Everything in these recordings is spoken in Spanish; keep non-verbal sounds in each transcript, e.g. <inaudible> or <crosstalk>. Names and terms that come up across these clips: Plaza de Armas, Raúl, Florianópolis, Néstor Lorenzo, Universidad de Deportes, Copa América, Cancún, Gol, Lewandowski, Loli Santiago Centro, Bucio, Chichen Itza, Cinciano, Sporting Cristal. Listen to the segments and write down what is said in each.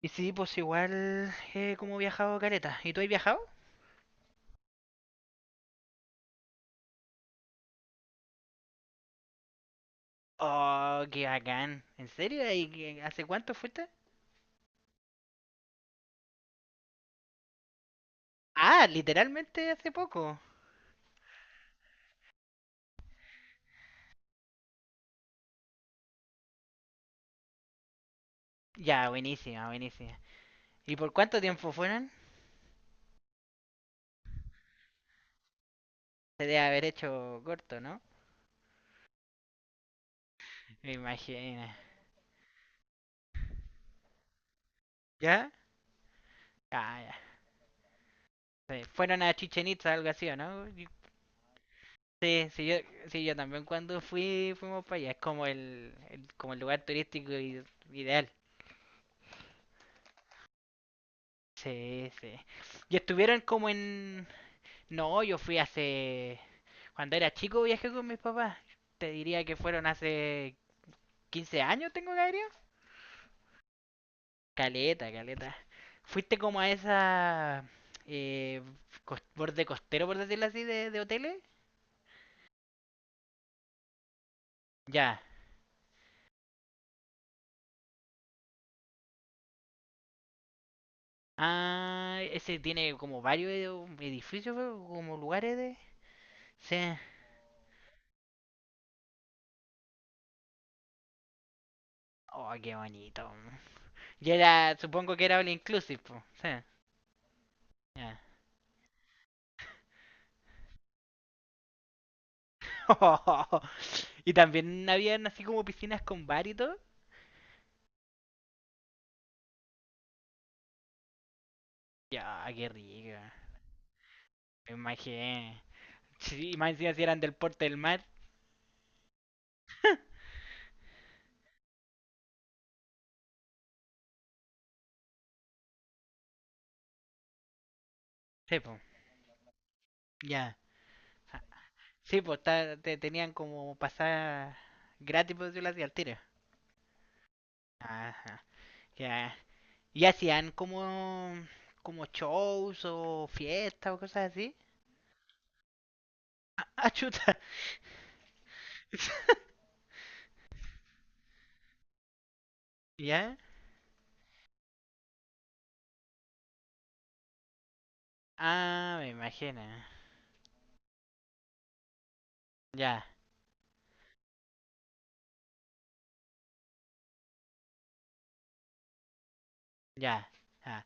Y sí, pues igual como he viajado careta. ¿Y tú has viajado? Oh, qué bacán. ¿En serio? ¿Y hace cuánto fuiste? Ah, literalmente hace poco. Ya, buenísima, buenísima. ¿Y por cuánto tiempo fueron? Se debe haber hecho corto, ¿no? Me imagino. ¿Ya? Ah, ya. Sí, fueron a Chichen Itza, algo así, ¿o no? Sí, sí, yo, sí, yo también cuando fui, fuimos para allá. Es como el lugar turístico ideal. Sí, sí. Y estuvieron como en. No, yo fui hace. Cuando era chico viajé con mis papás. Te diría que fueron hace 15 años, tengo que haber ido. Caleta, caleta. Fuiste como a esa, eh, borde costero, por decirlo así, de hoteles. Ya. Ah, ese tiene como varios edificios, pero como lugares de. Sí. Oh, qué bonito. Y era, supongo que era all inclusive, po. Sí. Ya. <laughs> Y también habían así como piscinas con bar y todo. Ya, qué rica. Me imaginé. Sí, y más encima si eran del porte del mar. <laughs> Sí, po, ya. Ah, sí, pues te tenían como pasar gratis, por decirlo así, al tiro. Ajá, ya. ¿Y hacían como, shows o fiestas o cosas así? Ah, ah, chuta. <laughs> ¿Ya? Ah, me imagino. Ya, ya. Ah.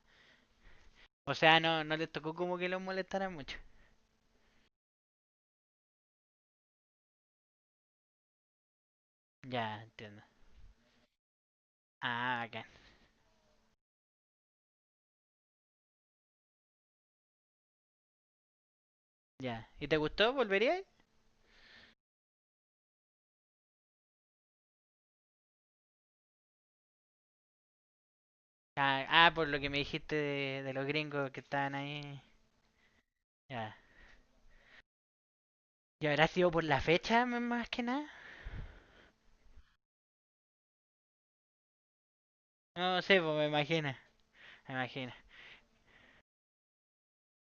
O sea, no, no les tocó como que los molestaran mucho. Ya, entiendo. Ah, bacán. Ya. ¿Y te gustó? ¿Volverías? Ah, ah, por lo que me dijiste de los gringos que estaban ahí. Ya. ¿Y habrá sido por la fecha más que nada? No, no sé, pues me imagino. Me imagino.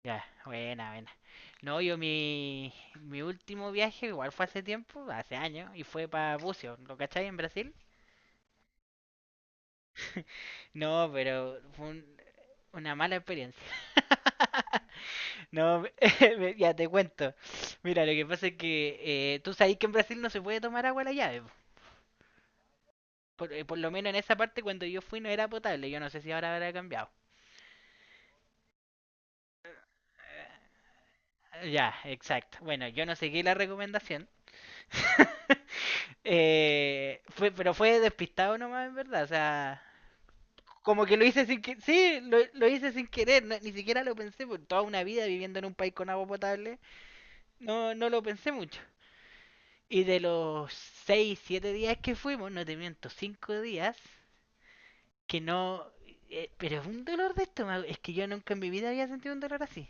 Ya, buena, buena. No, yo mi último viaje igual fue hace tiempo, hace años, y fue para Bucio, ¿lo cacháis? En Brasil. <laughs> No, pero fue una mala experiencia. <laughs> No, <laughs> ya te cuento. Mira, lo que pasa es que tú sabes que en Brasil no se puede tomar agua a la llave. Por lo menos en esa parte cuando yo fui no era potable. Yo no sé si ahora habrá cambiado. Ya, exacto. Bueno, yo no seguí la recomendación. <laughs> Pero fue despistado nomás, en verdad. O sea, como que lo hice sin que. Sí, lo hice sin querer. Ni siquiera lo pensé. Por toda una vida viviendo en un país con agua potable, no, no lo pensé mucho. Y de los 6, 7 días que fuimos, no te miento, 5 días, que no, pero es un dolor de estómago. Es que yo nunca en mi vida había sentido un dolor así.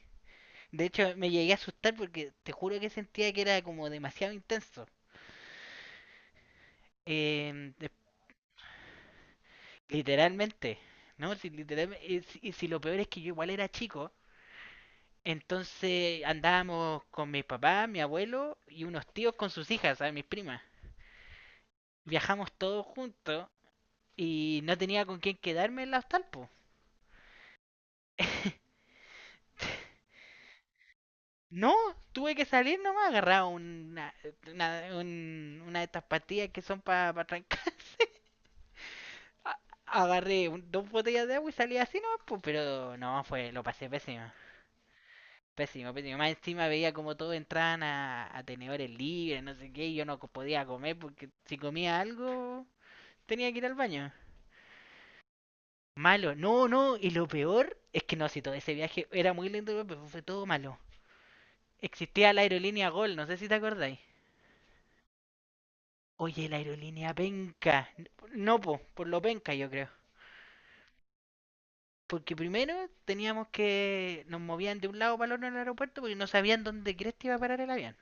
De hecho, me llegué a asustar porque te juro que sentía que era como demasiado intenso. Eh, de- literalmente, ¿no? Si, literalmente, y si lo peor es que yo igual era chico, entonces andábamos con mi papá, mi abuelo y unos tíos con sus hijas, ¿sabes? Mis primas. Viajamos todos juntos y no tenía con quién quedarme en la hostal, po. No, tuve que salir nomás, agarraba una de estas pastillas que son para trancar. a- agarré dos botellas de agua y salí así, no, pues, pero no, fue, lo pasé pésimo. Pésimo, pésimo. Más encima veía como todos entraban a tenedores libres, no sé qué, y yo no podía comer porque si comía algo tenía que ir al baño. Malo, no, no, y lo peor es que no, si todo ese viaje era muy lindo, pero fue todo malo. Existía la aerolínea Gol, no sé si te acordáis. Oye, la aerolínea penca. No, po, por lo penca yo creo. Porque primero teníamos que nos movían de un lado para el otro en el aeropuerto porque no sabían dónde cresta iba a parar el avión.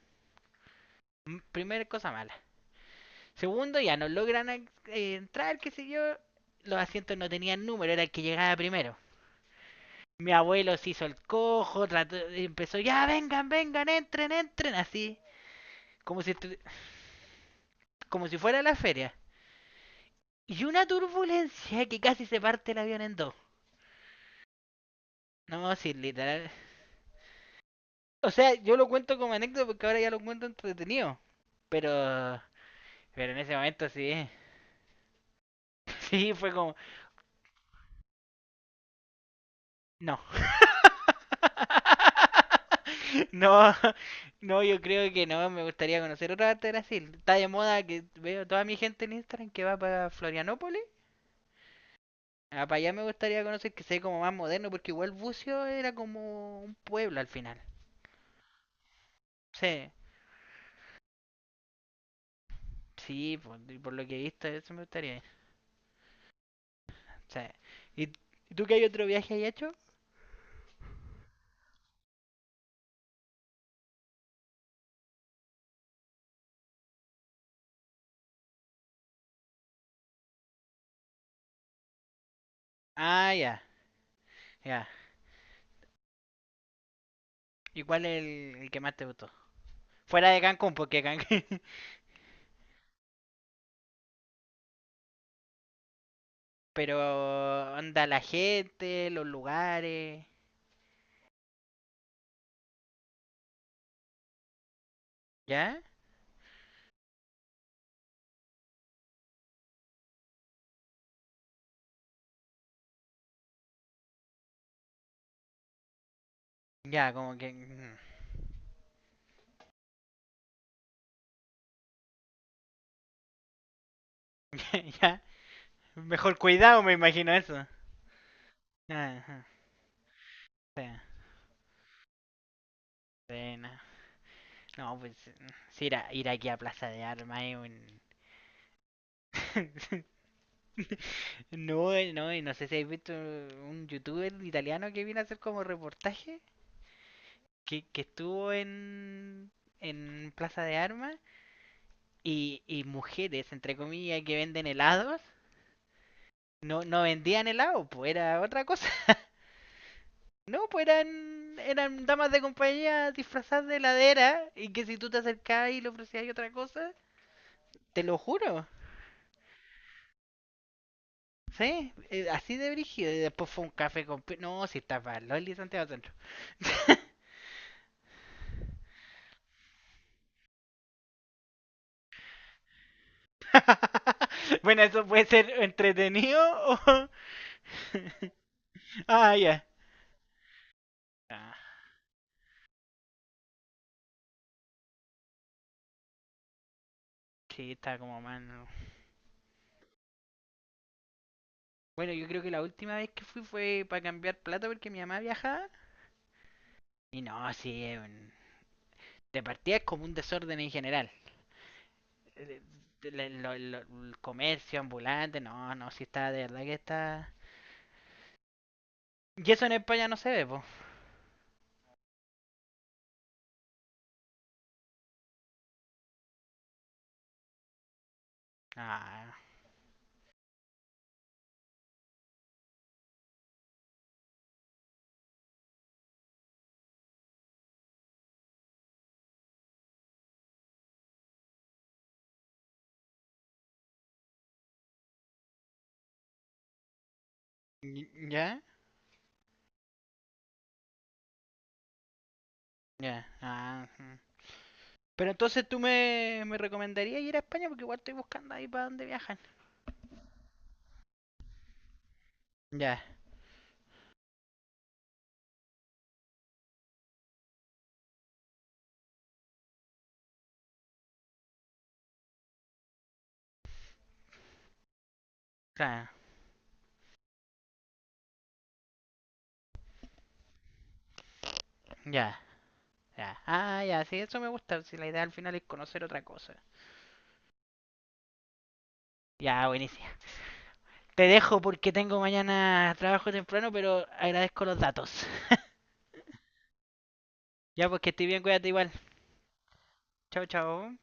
Primera cosa mala. Segundo, ya no logran entrar, qué sé yo. Los asientos no tenían número, era el que llegaba primero. Mi abuelo se hizo el cojo, empezó, ya vengan, vengan, entren, entren, así, como si, como si fuera la feria. Y una turbulencia que casi se parte el avión en dos. No, sí, literal. O sea, yo lo cuento como anécdota porque ahora ya lo cuento entretenido. Pero en ese momento sí, <laughs> sí fue como, no. <laughs> No, no, yo creo que no, me gustaría conocer otra parte de Brasil. Está de moda que veo toda mi gente en Instagram que va para Florianópolis. Ah, para allá me gustaría conocer que sea como más moderno, porque igual Bucio era como un pueblo al final. Sí, sí, por lo que he visto, eso me gustaría. Sí. ¿Y tú qué hay otro viaje ahí hecho? Ah, ya, ya. ¿Y cuál es el que más te gustó? Fuera de Cancún, porque Cancún. Pero anda la gente, los lugares, ¿ya? Ya, como que. <laughs> ya, mejor cuidado me imagino eso. Ajá, sí, sí, no. No, pues si ir, ir aquí a Plaza de Armas es un. <laughs> No, no, no sé si habéis visto un youtuber italiano que vino a hacer como reportaje, que estuvo en, Plaza de Armas y mujeres, entre comillas, que venden helados. No, no vendían helado, pues era otra cosa. <laughs> No, pues eran damas de compañía disfrazadas de heladera y que si tú te acercabas y le ofrecías otra cosa, te lo juro. Sí, así de brígido. Y después fue un café con. No, si estaba Loli Santiago Centro. <laughs> bueno, eso puede ser entretenido o. <laughs> ah, ya. Ah, sí, está como mano. Bueno, yo creo que la última vez que fui fue para cambiar plata porque mi mamá viajaba. Y no, sí, es de partida es como un desorden en general. Eh, el comercio ambulante, no, no, si está, de verdad que está. Y eso en España no se ve, po. Ah, ¿ya? Ya, ah, mm. Pero entonces tú me recomendarías ir a España porque igual estoy buscando ahí para dónde viajan. Ya, claro, ya, ya. Ah, ya, sí, eso me gusta. Si la idea al final es conocer otra cosa. Ya, buenísimo. Te dejo porque tengo mañana trabajo temprano, pero agradezco los datos. Ya, pues que estoy bien, cuídate igual. Chao, chao.